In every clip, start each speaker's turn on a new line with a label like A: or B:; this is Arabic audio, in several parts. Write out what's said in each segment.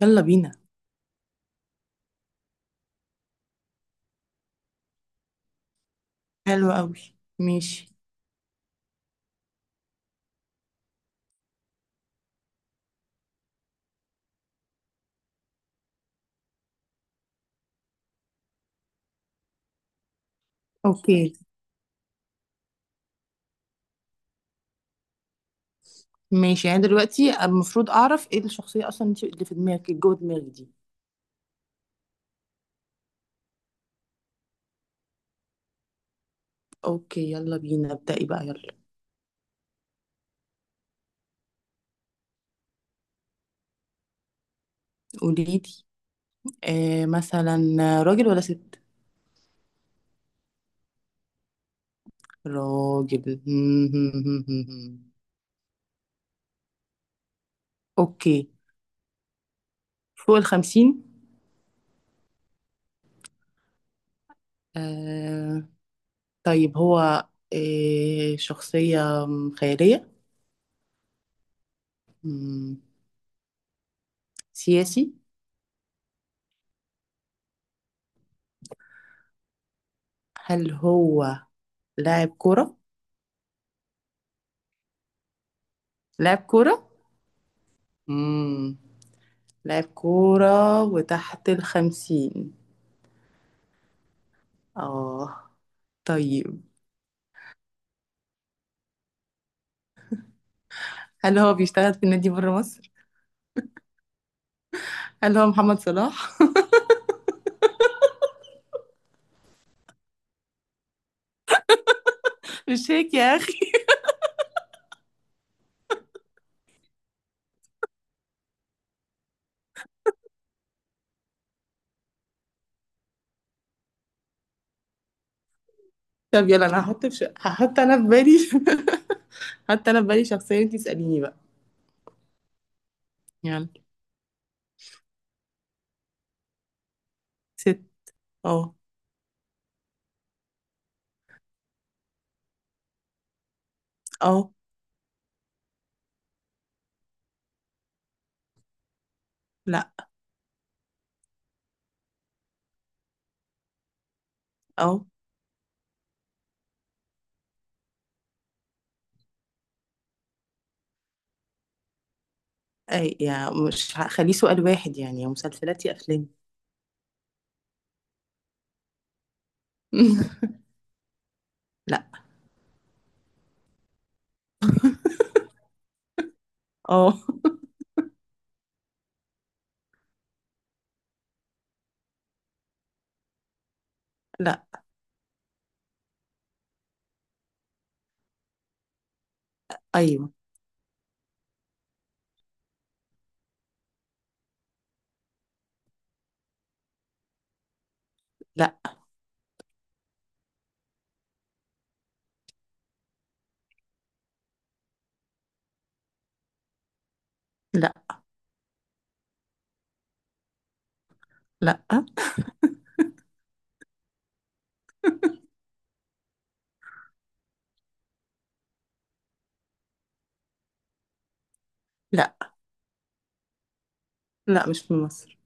A: يلا بينا. حلو قوي. ماشي. اوكي ماشي، يعني دلوقتي المفروض اعرف ايه الشخصية اصلا، انت اللي في دماغك، اللي جوه دماغك دي. اوكي يلا بينا، ابدأي بقى يلا. قولي لي. آه مثلا راجل ولا ست؟ راجل اوكي، فوق 50؟ آه، طيب هو آه شخصية خيالية؟ مم، سياسي؟ هل هو لاعب كرة؟ لاعب كرة. مم. لاعب كورة وتحت 50، اه. طيب هل هو بيشتغل في النادي بره مصر؟ هل هو محمد صلاح؟ مش هيك يا أخي. طب يلا أنا هحط في هحط أنا في بالي حتى أنا في بالي شخصية، أنتي اسأليني بقى يلا. ست. اه. اه. لا. اه. أي يعني مش هخليه سؤال واحد يعني، يا مسلسلات يا أفلام لا. اه. لا. أيوه. لا. لا. لا أه؟ لا. لا مش من مصر.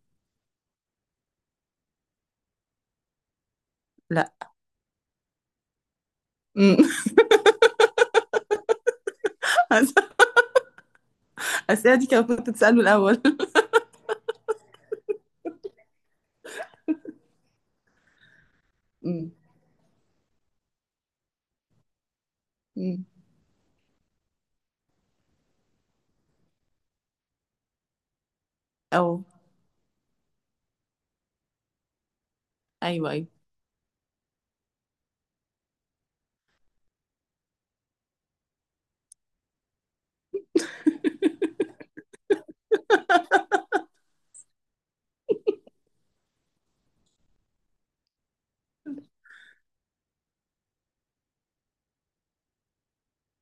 A: لا الأسئلة دي كان كنت تسأله الأول امم. امم. أو. أيوه أيوه.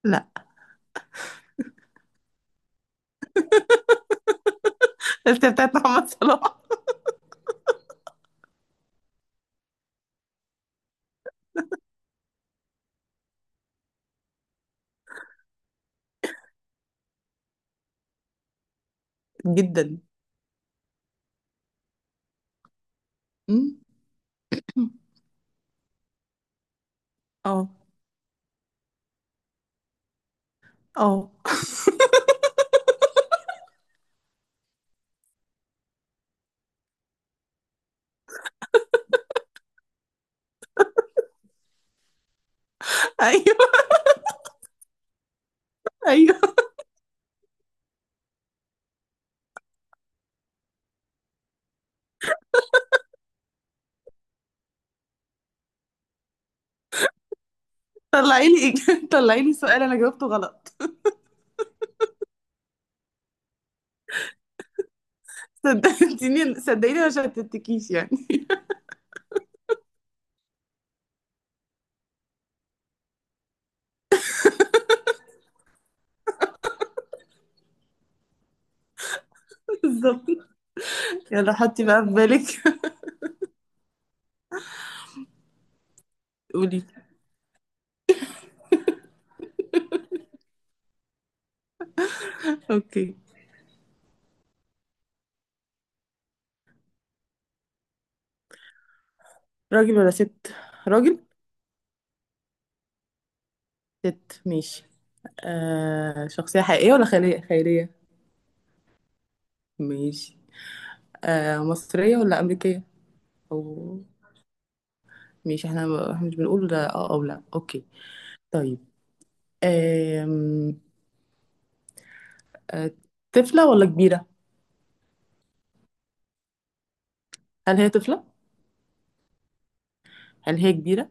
A: لا الأسئلة بتاعت محمد صلاح. جدا. امم. اه. اه أيوه أيوه. طلعي لي طلعي لي سؤال أنا جاوبته غلط. صدقتيني، صدقيني ما شتتكيش يعني. بالظبط. يلا حطي بقى في بالك قولي. أوكي. راجل ولا ست؟ راجل؟ ست ماشي. آه شخصية حقيقية ولا خيالية؟ خيالية؟ ماشي. آه، مصرية ولا أمريكية؟ أو، ماشي احنا احنا مش بنقول ده اه او لا، اوكي. طيب آم... آه، طفلة ولا كبيرة؟ هل هي طفلة؟ هل هي كبيرة؟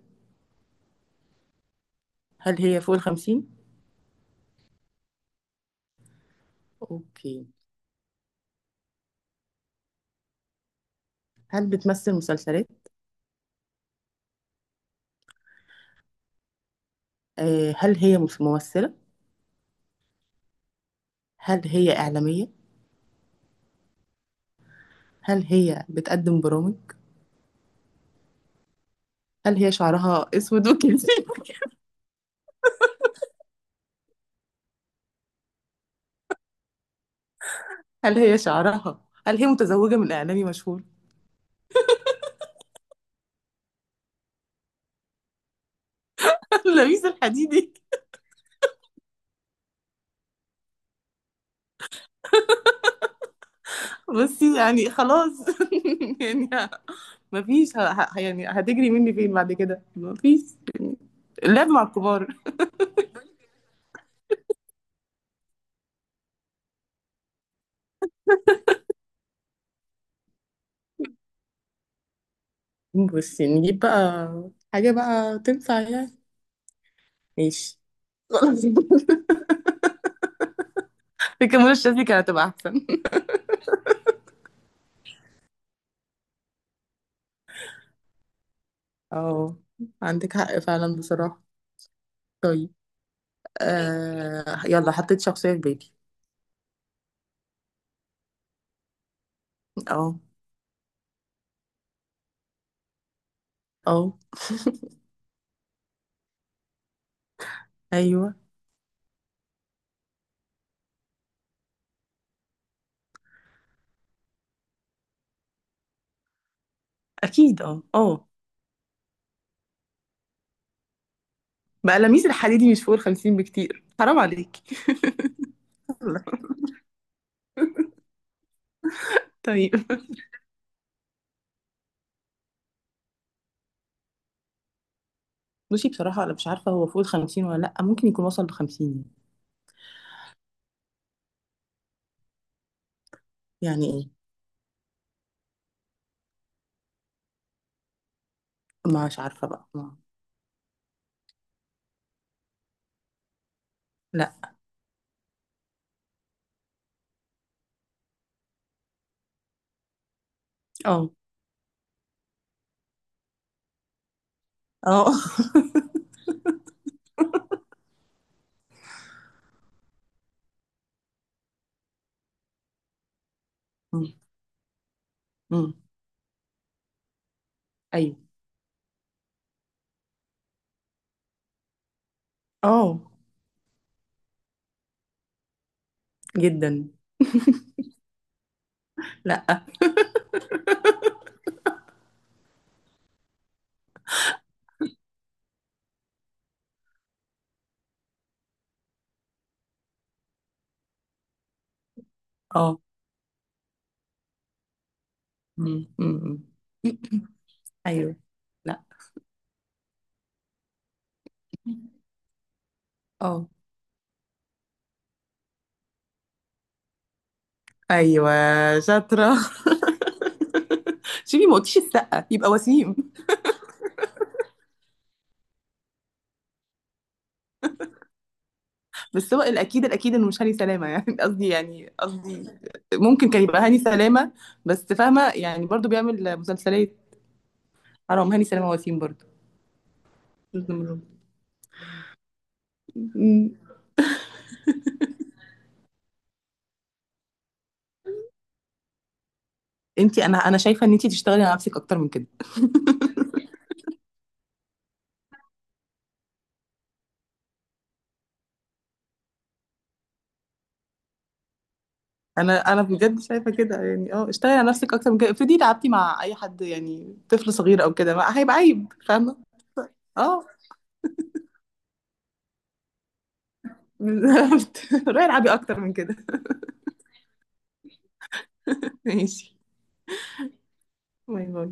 A: هل هي فوق 50؟ اوكي. هل بتمثل مسلسلات؟ آه، هل هي ممثلة؟ هل هي إعلامية؟ هل هي بتقدم برامج؟ هل هي شعرها أسود وكده؟ هل هي شعرها؟ هل هي متزوجة من إعلامي مشهور؟ لبيب الحديدي. بصي يعني خلاص يعني مفيش يعني هتجري مني فين بعد كده؟ مفيش يعني. اللعب مع الكبار. بصي نجيب بقى حاجة بقى تنفع يعني. ماشي خلاص الكاميرا الشاذلي كانت هتبقى أحسن. اه، عندك حق فعلا بصراحة. طيب آه... يلا حطيت شخصية في بالي. اه. اه. ايوه. اكيد اه اه. بقى لميس الحديدي مش فوق 50 بكتير، حرام عليك يلا طيب. بصي بصراحة أنا مش عارفة هو فوق 50 ولا لأ، ممكن يكون وصل ل50. يعني إيه. مش عارفة بقى ما. لأ. اه. اه أمم، أمم، أيوه. اه. جدا. لأ. اه. أمم، أمم، أيوه. لأ. اه. أيوه. شاطرة شيلي ما قلتيش السقة يبقى وسيم. بس هو الأكيد الأكيد إنه مش هاني سلامة يعني قصدي يعني قصدي ممكن كان يبقى هاني سلامة، بس فاهمة يعني برضو بيعمل مسلسلات. حرام هاني سلامة وسيم برضو. النمرود. امم. انت انا انا شايفه ان انت تشتغلي على نفسك اكتر من كده. انا بجد شايفه كده يعني، اه اشتغلي على نفسك اكتر من كده، افرضي تعبتي مع اي حد يعني طفل صغير او كده، ما هيبقى عيب فاهمه. اه بالظبط. روحي العبي اكتر من كده. ماشي. باي باي.